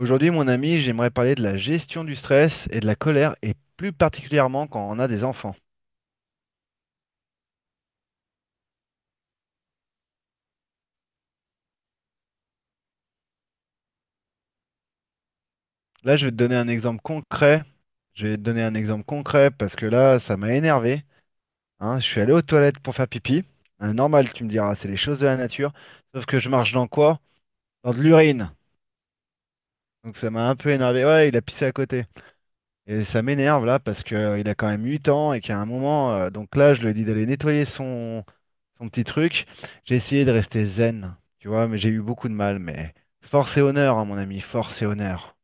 Aujourd'hui, mon ami, j'aimerais parler de la gestion du stress et de la colère, et plus particulièrement quand on a des enfants. Là, je vais te donner un exemple concret. Je vais te donner un exemple concret parce que là, ça m'a énervé, hein. Je suis allé aux toilettes pour faire pipi. Hein, normal, tu me diras, c'est les choses de la nature. Sauf que je marche dans quoi? Dans de l'urine. Donc ça m'a un peu énervé. Ouais, il a pissé à côté. Et ça m'énerve là parce que il a quand même 8 ans et qu'à un moment, donc là, je lui ai dit d'aller nettoyer son petit truc. J'ai essayé de rester zen, tu vois, mais j'ai eu beaucoup de mal. Mais force et honneur, hein, mon ami, force et honneur.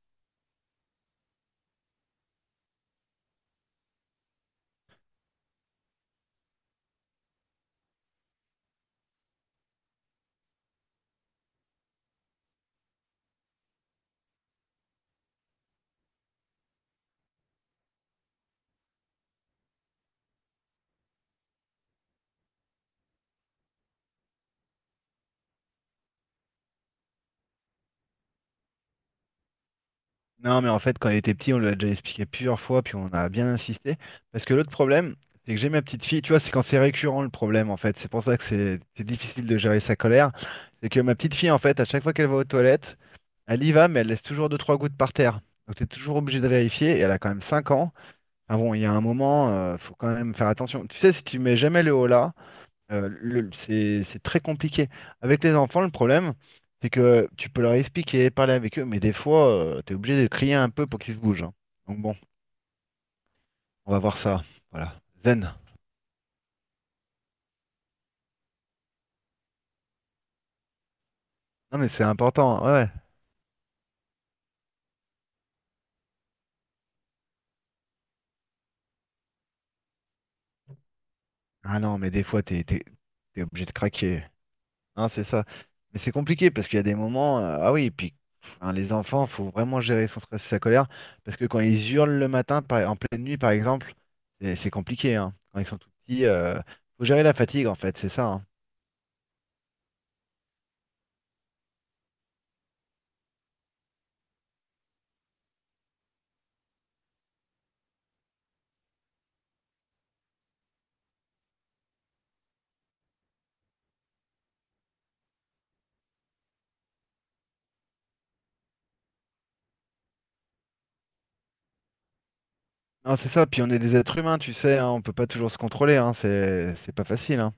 Non, mais en fait, quand il était petit, on lui a déjà expliqué plusieurs fois, puis on a bien insisté. Parce que l'autre problème, c'est que j'ai ma petite fille, tu vois, c'est quand c'est récurrent le problème, en fait. C'est pour ça que c'est difficile de gérer sa colère. C'est que ma petite fille, en fait, à chaque fois qu'elle va aux toilettes, elle y va, mais elle laisse toujours deux, trois gouttes par terre. Donc t'es toujours obligé de vérifier, et elle a quand même 5 ans. Ah bon, il y a un moment, faut quand même faire attention. Tu sais, si tu mets jamais le haut là, c'est très compliqué. Avec les enfants, le problème, c'est que tu peux leur expliquer, parler avec eux, mais des fois, tu es obligé de crier un peu pour qu'ils se bougent, hein. Donc bon, on va voir ça. Voilà. Zen. Non, mais c'est important, hein. Ouais, ouais. Ah non, mais des fois, t'es obligé de craquer. Non, c'est ça. Mais c'est compliqué parce qu'il y a des moments. Ah oui, et puis hein, les enfants, faut vraiment gérer son stress et sa colère. Parce que quand ils hurlent le matin, en pleine nuit, par exemple, c'est compliqué, hein. Quand ils sont tout petits, faut gérer la fatigue, en fait, c'est ça, hein. Non, c'est ça, puis on est des êtres humains, tu sais, hein, on peut pas toujours se contrôler, hein, c'est pas facile, hein.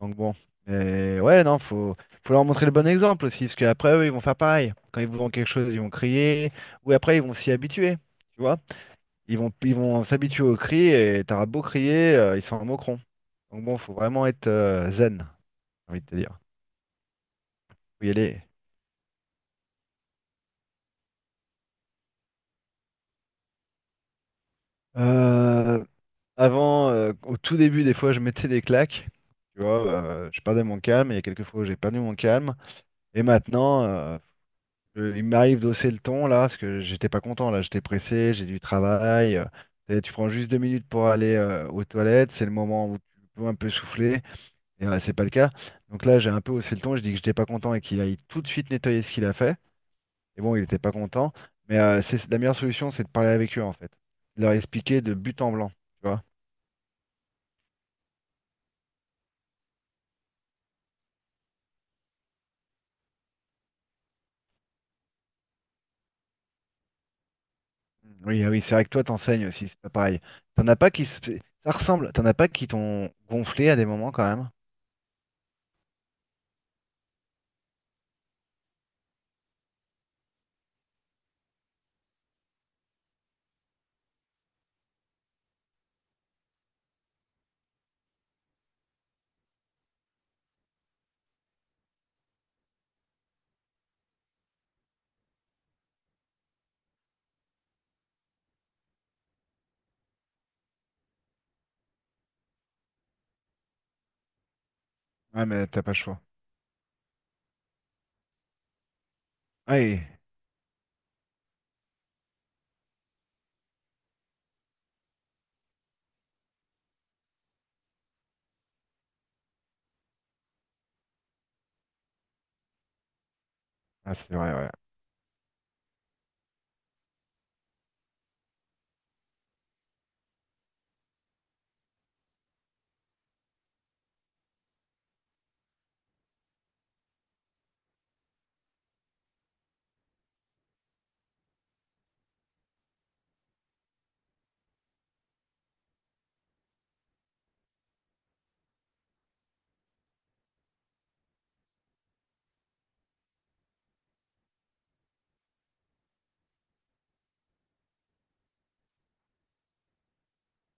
Donc bon. Mais ouais, non, faut leur montrer le bon exemple aussi, parce qu'après eux, ils vont faire pareil. Quand ils vous vendent quelque chose, ils vont crier, ou après ils vont s'y habituer, tu vois. Ils vont s'habituer au cri et t'auras beau crier, ils s'en moqueront. Donc bon, faut vraiment être zen, j'ai envie de te dire. Faut y aller. Euh, avant, au tout début, des fois, je mettais des claques. Tu vois, je perdais mon calme. Il y a quelques fois où j'ai perdu mon calme. Et maintenant, il m'arrive d'hausser le ton là, parce que j'étais pas content là, j'étais pressé, j'ai du travail. Et tu prends juste 2 minutes pour aller aux toilettes, c'est le moment où tu peux un peu souffler, et c'est pas le cas. Donc là, j'ai un peu haussé le ton, je dis que j'étais pas content et qu'il aille tout de suite nettoyer ce qu'il a fait. Et bon, il était pas content, mais c'est la meilleure solution, c'est de parler avec eux en fait, de leur expliquer de but en blanc, tu vois. Oui, ah oui, c'est vrai que toi t'enseignes aussi, c'est pas pareil. T'en as pas qui se... Ça ressemble, t'en as pas qui t'ont gonflé à des moments quand même. Ouais, mais t'as pas le choix. Ouais, ah, c'est vrai, ouais.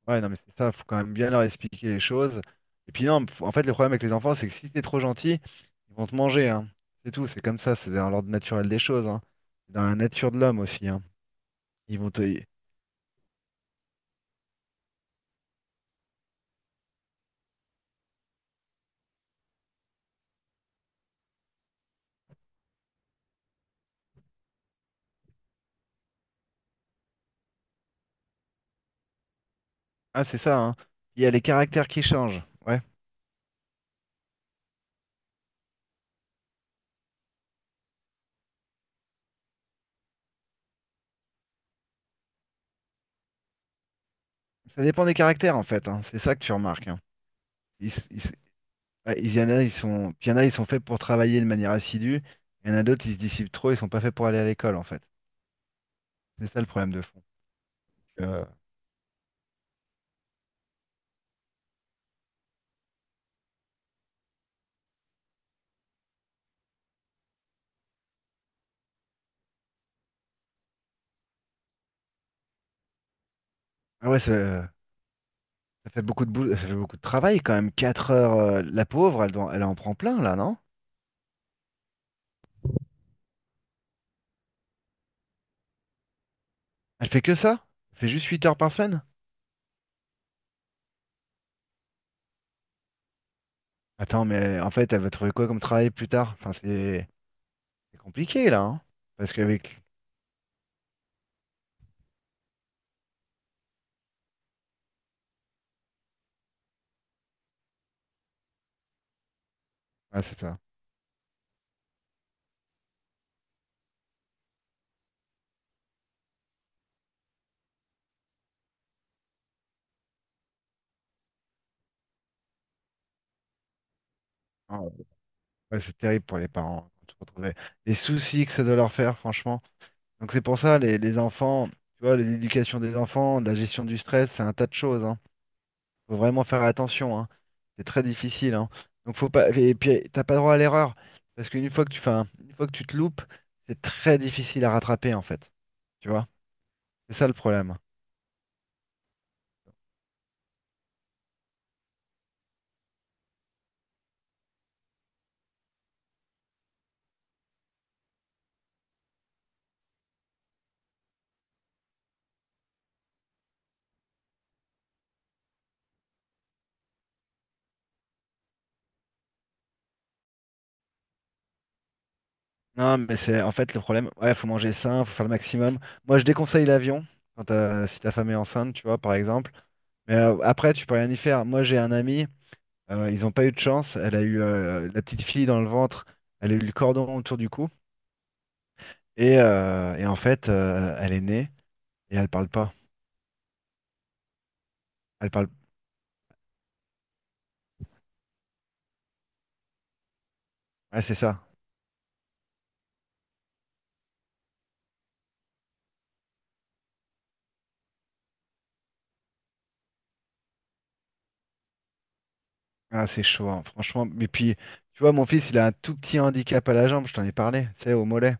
Ouais, non, mais c'est ça, faut quand même bien leur expliquer les choses. Et puis non, en fait, le problème avec les enfants, c'est que si t'es trop gentil, ils vont te manger, hein. C'est tout, c'est comme ça, c'est dans l'ordre naturel des choses, hein. C'est dans la nature de l'homme aussi, hein. Ils vont te... Ah, c'est ça, hein. Il y a les caractères qui changent, ouais. Ça dépend des caractères, en fait, hein. C'est ça que tu remarques, hein. Ils, s- ils s- ouais, il y en a, ils sont... Puis il y en a, ils sont faits pour travailler de manière assidue. Il y en a d'autres, ils se dissipent trop, ils sont pas faits pour aller à l'école, en fait. C'est ça le problème de fond. Euh, Ah ouais, c'est... Ça fait beaucoup de boulot, ça fait beaucoup de travail quand même. 4 heures, la pauvre, elle, elle en prend plein là, non? Elle fait que ça? Elle fait juste 8 heures par semaine? Attends, mais en fait, elle va trouver quoi comme travail plus tard? Enfin, c'est compliqué là, hein? Parce qu'avec. Ah, c'est ça. Ah, ouais, c'est terrible pour les parents quand tu retrouves les soucis que ça doit leur faire, franchement. Donc, c'est pour ça, les enfants, tu vois, l'éducation des enfants, la gestion du stress, c'est un tas de choses, hein. Faut vraiment faire attention, hein. C'est très difficile, hein. Donc faut pas. Et puis t'as pas droit à l'erreur. Parce qu'une fois que tu te loupes, c'est très difficile à rattraper en fait. Tu vois? C'est ça le problème. Non, mais c'est en fait le problème, ouais, faut manger sain, faut faire le maximum. Moi je déconseille l'avion quand si ta femme est enceinte, tu vois, par exemple. Mais après, tu peux rien y faire. Moi j'ai un ami, ils ont pas eu de chance, elle a eu la petite fille dans le ventre, elle a eu le cordon autour du cou, et, en fait, elle est née et elle parle pas. Elle parle. Ouais, c'est ça. Ah, c'est chaud, hein, franchement. Mais puis, tu vois, mon fils, il a un tout petit handicap à la jambe, je t'en ai parlé, tu sais, au mollet.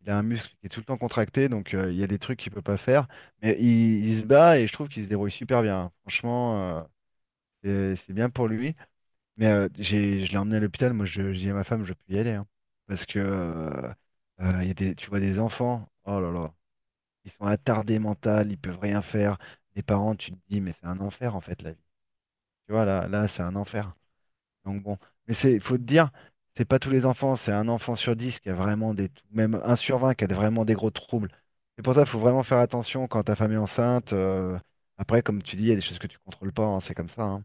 Il a un muscle qui est tout le temps contracté, donc il y a des trucs qu'il peut pas faire. Mais il se bat et je trouve qu'il se débrouille super bien, hein. Franchement, c'est bien pour lui. Mais je l'ai emmené à l'hôpital, je dis à ma femme, je peux y aller, hein. parce que Il y a des, tu vois, des enfants, oh là là, ils sont attardés mental, ils peuvent rien faire. Les parents, tu te dis, mais c'est un enfer, en fait, la vie. Tu vois, là, c'est un enfer. Donc bon, mais c'est, faut te dire, c'est pas tous les enfants, c'est 1 enfant sur 10 qui a vraiment des, même 1 sur 20 qui a vraiment des gros troubles. C'est pour ça qu'il faut vraiment faire attention quand ta femme est enceinte. Après, comme tu dis, il y a des choses que tu contrôles pas, hein, c'est comme ça, hein.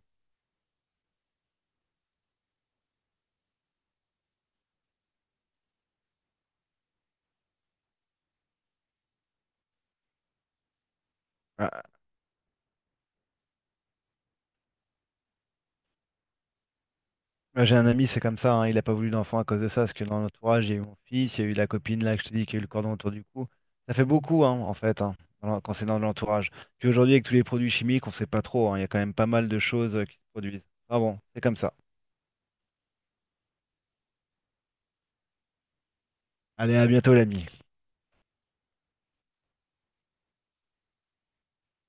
Ah, moi, j'ai un ami, c'est comme ça, hein, il n'a pas voulu d'enfant à cause de ça, parce que dans l'entourage, il y a eu mon fils, il y a eu la copine là que je te dis qui a eu le cordon autour du cou. Ça fait beaucoup, hein, en fait, hein, quand c'est dans l'entourage. Puis aujourd'hui, avec tous les produits chimiques, on sait pas trop, hein, il y a quand même pas mal de choses qui se produisent. Ah bon, c'est comme ça. Allez, à bientôt l'ami.